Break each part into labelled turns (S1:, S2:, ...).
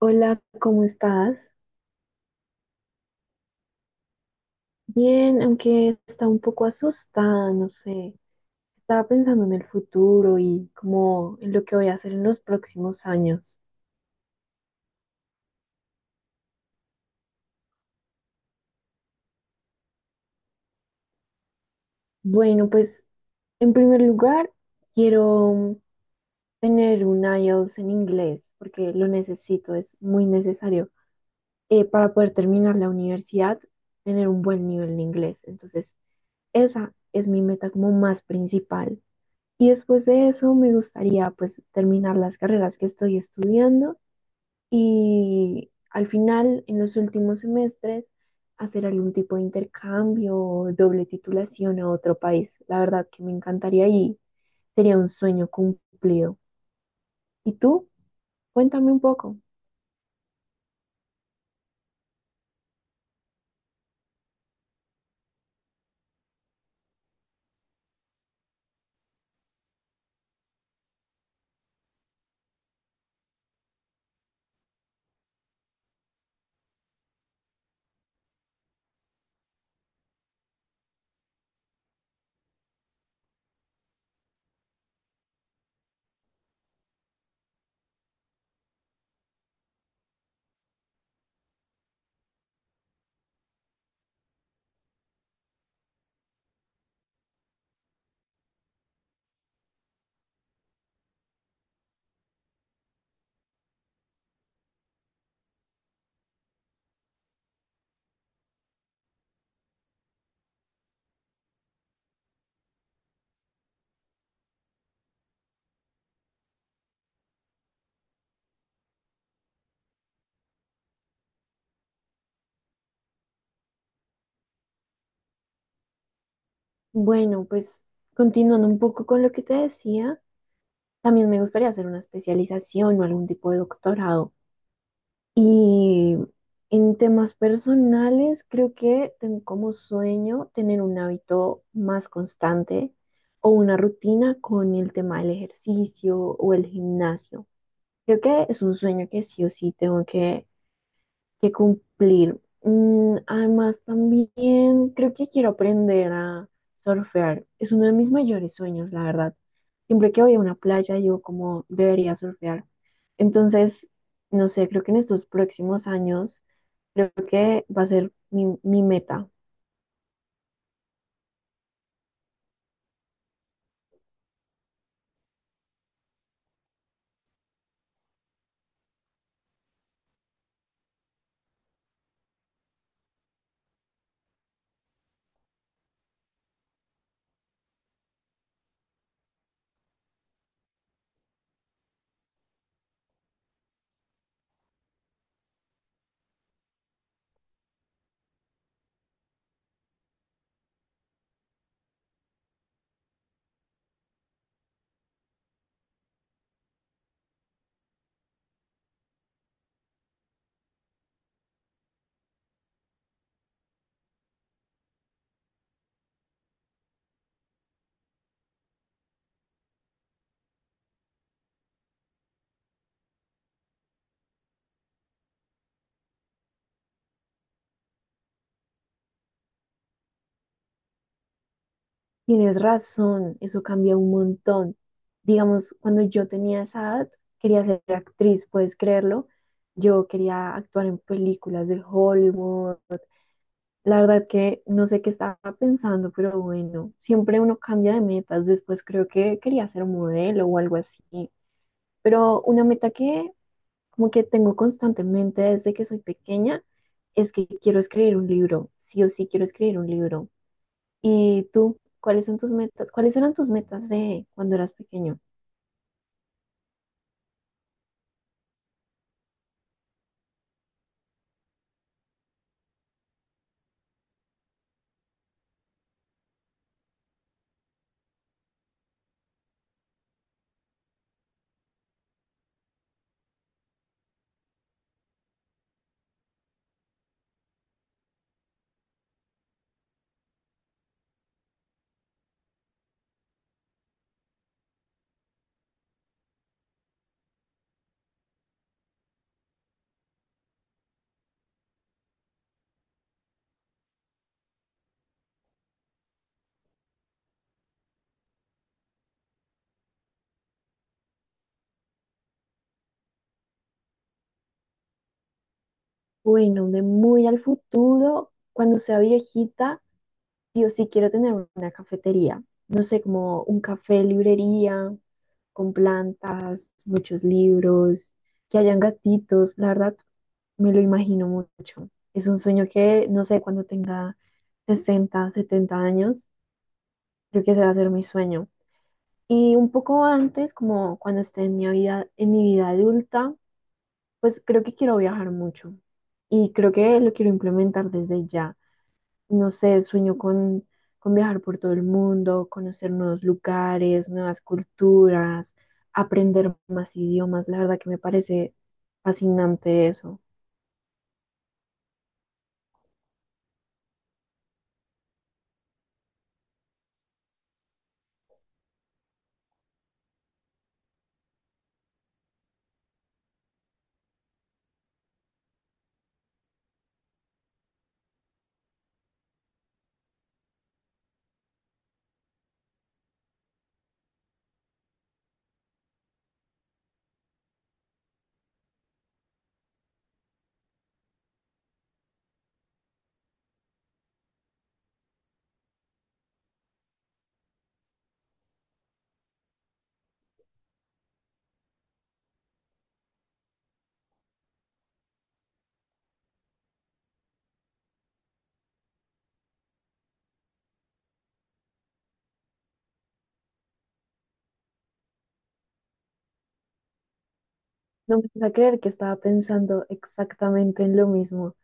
S1: Hola, ¿cómo estás? Bien, aunque está un poco asustada, no sé. Estaba pensando en el futuro y como en lo que voy a hacer en los próximos años. Bueno, pues en primer lugar, quiero tener un IELTS en inglés porque lo necesito, es muy necesario para poder terminar la universidad, tener un buen nivel de inglés. Entonces, esa es mi meta como más principal. Y después de eso me gustaría pues terminar las carreras que estoy estudiando y al final, en los últimos semestres, hacer algún tipo de intercambio o doble titulación a otro país. La verdad que me encantaría y sería un sueño cumplido. ¿Y tú? Cuéntame un poco. Bueno, pues continuando un poco con lo que te decía, también me gustaría hacer una especialización o algún tipo de doctorado. Y en temas personales, creo que tengo como sueño tener un hábito más constante o una rutina con el tema del ejercicio o el gimnasio. Creo que es un sueño que sí o sí tengo que cumplir. Mm, además, también creo que quiero aprender a surfear. Es uno de mis mayores sueños, la verdad. Siempre que voy a una playa, digo como debería surfear. Entonces, no sé, creo que en estos próximos años, creo que va a ser mi meta. Tienes razón, eso cambia un montón. Digamos, cuando yo tenía esa edad, quería ser actriz, puedes creerlo. Yo quería actuar en películas de Hollywood. La verdad que no sé qué estaba pensando, pero bueno, siempre uno cambia de metas. Después creo que quería ser modelo o algo así. Pero una meta que como que tengo constantemente desde que soy pequeña es que quiero escribir un libro. Sí o sí quiero escribir un libro. ¿Y tú? ¿Cuáles son tus metas? ¿Cuáles eran tus metas de cuando eras pequeño? Bueno, de muy al futuro, cuando sea viejita, sí o sí quiero tener una cafetería. No sé, como un café, librería, con plantas, muchos libros, que hayan gatitos. La verdad, me lo imagino mucho. Es un sueño que, no sé, cuando tenga 60, 70 años, creo que ese va a ser mi sueño. Y un poco antes, como cuando esté en mi vida adulta, pues creo que quiero viajar mucho y creo que lo quiero implementar desde ya. No sé, sueño con viajar por todo el mundo, conocer nuevos lugares, nuevas culturas, aprender más idiomas. La verdad que me parece fascinante eso. No me vas a creer que estaba pensando exactamente en lo mismo.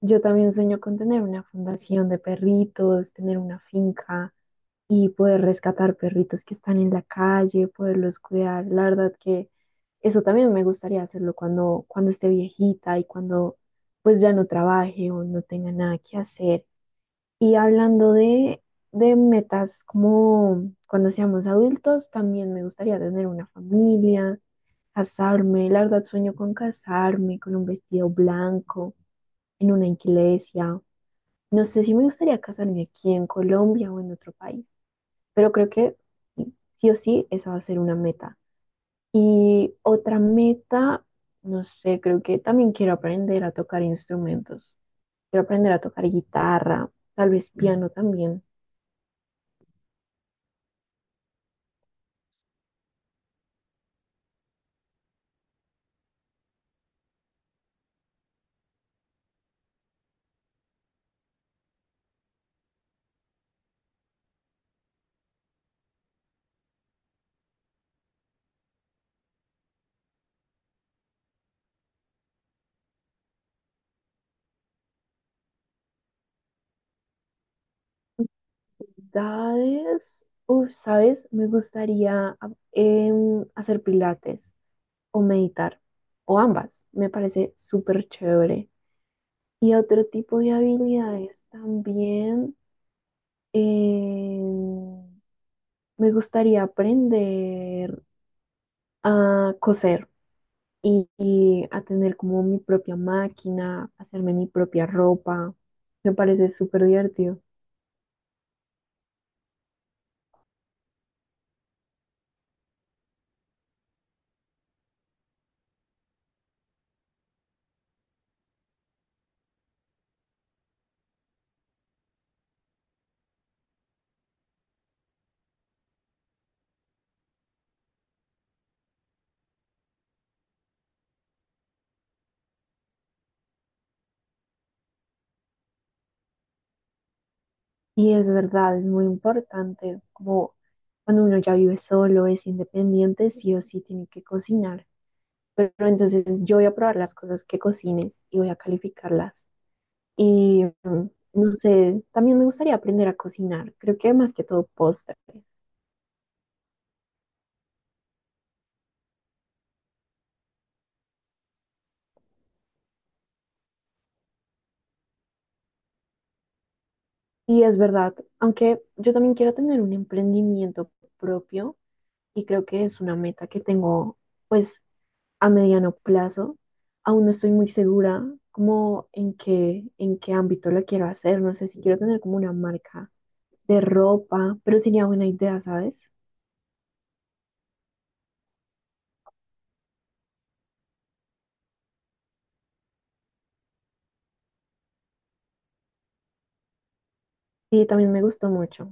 S1: Yo también sueño con tener una fundación de perritos, tener una finca y poder rescatar perritos que están en la calle, poderlos cuidar. La verdad que eso también me gustaría hacerlo cuando esté viejita y cuando pues ya no trabaje o no tenga nada que hacer. Y hablando de metas como cuando seamos adultos, también me gustaría tener una familia, casarme. La verdad sueño con casarme, con un vestido blanco, en una iglesia. No sé si me gustaría casarme aquí en Colombia o en otro país, pero creo que sí o sí esa va a ser una meta. Y otra meta, no sé, creo que también quiero aprender a tocar instrumentos. Quiero aprender a tocar guitarra, tal vez piano también. Habilidades, uf, ¿sabes? Me gustaría hacer pilates o meditar, o ambas. Me parece súper chévere. Y otro tipo de habilidades también, em, me gustaría aprender a coser y a tener como mi propia máquina, hacerme mi propia ropa. Me parece súper divertido. Y es verdad, es muy importante, como cuando uno ya vive solo, es independiente, sí o sí tiene que cocinar. Pero entonces yo voy a probar las cosas que cocines y voy a calificarlas. Y no sé, también me gustaría aprender a cocinar, creo que más que todo postres. Y es verdad, aunque yo también quiero tener un emprendimiento propio y creo que es una meta que tengo pues a mediano plazo. Aún no estoy muy segura como en en qué ámbito la quiero hacer. No sé si quiero tener como una marca de ropa, pero sería buena idea, ¿sabes? Sí, también me gustó mucho.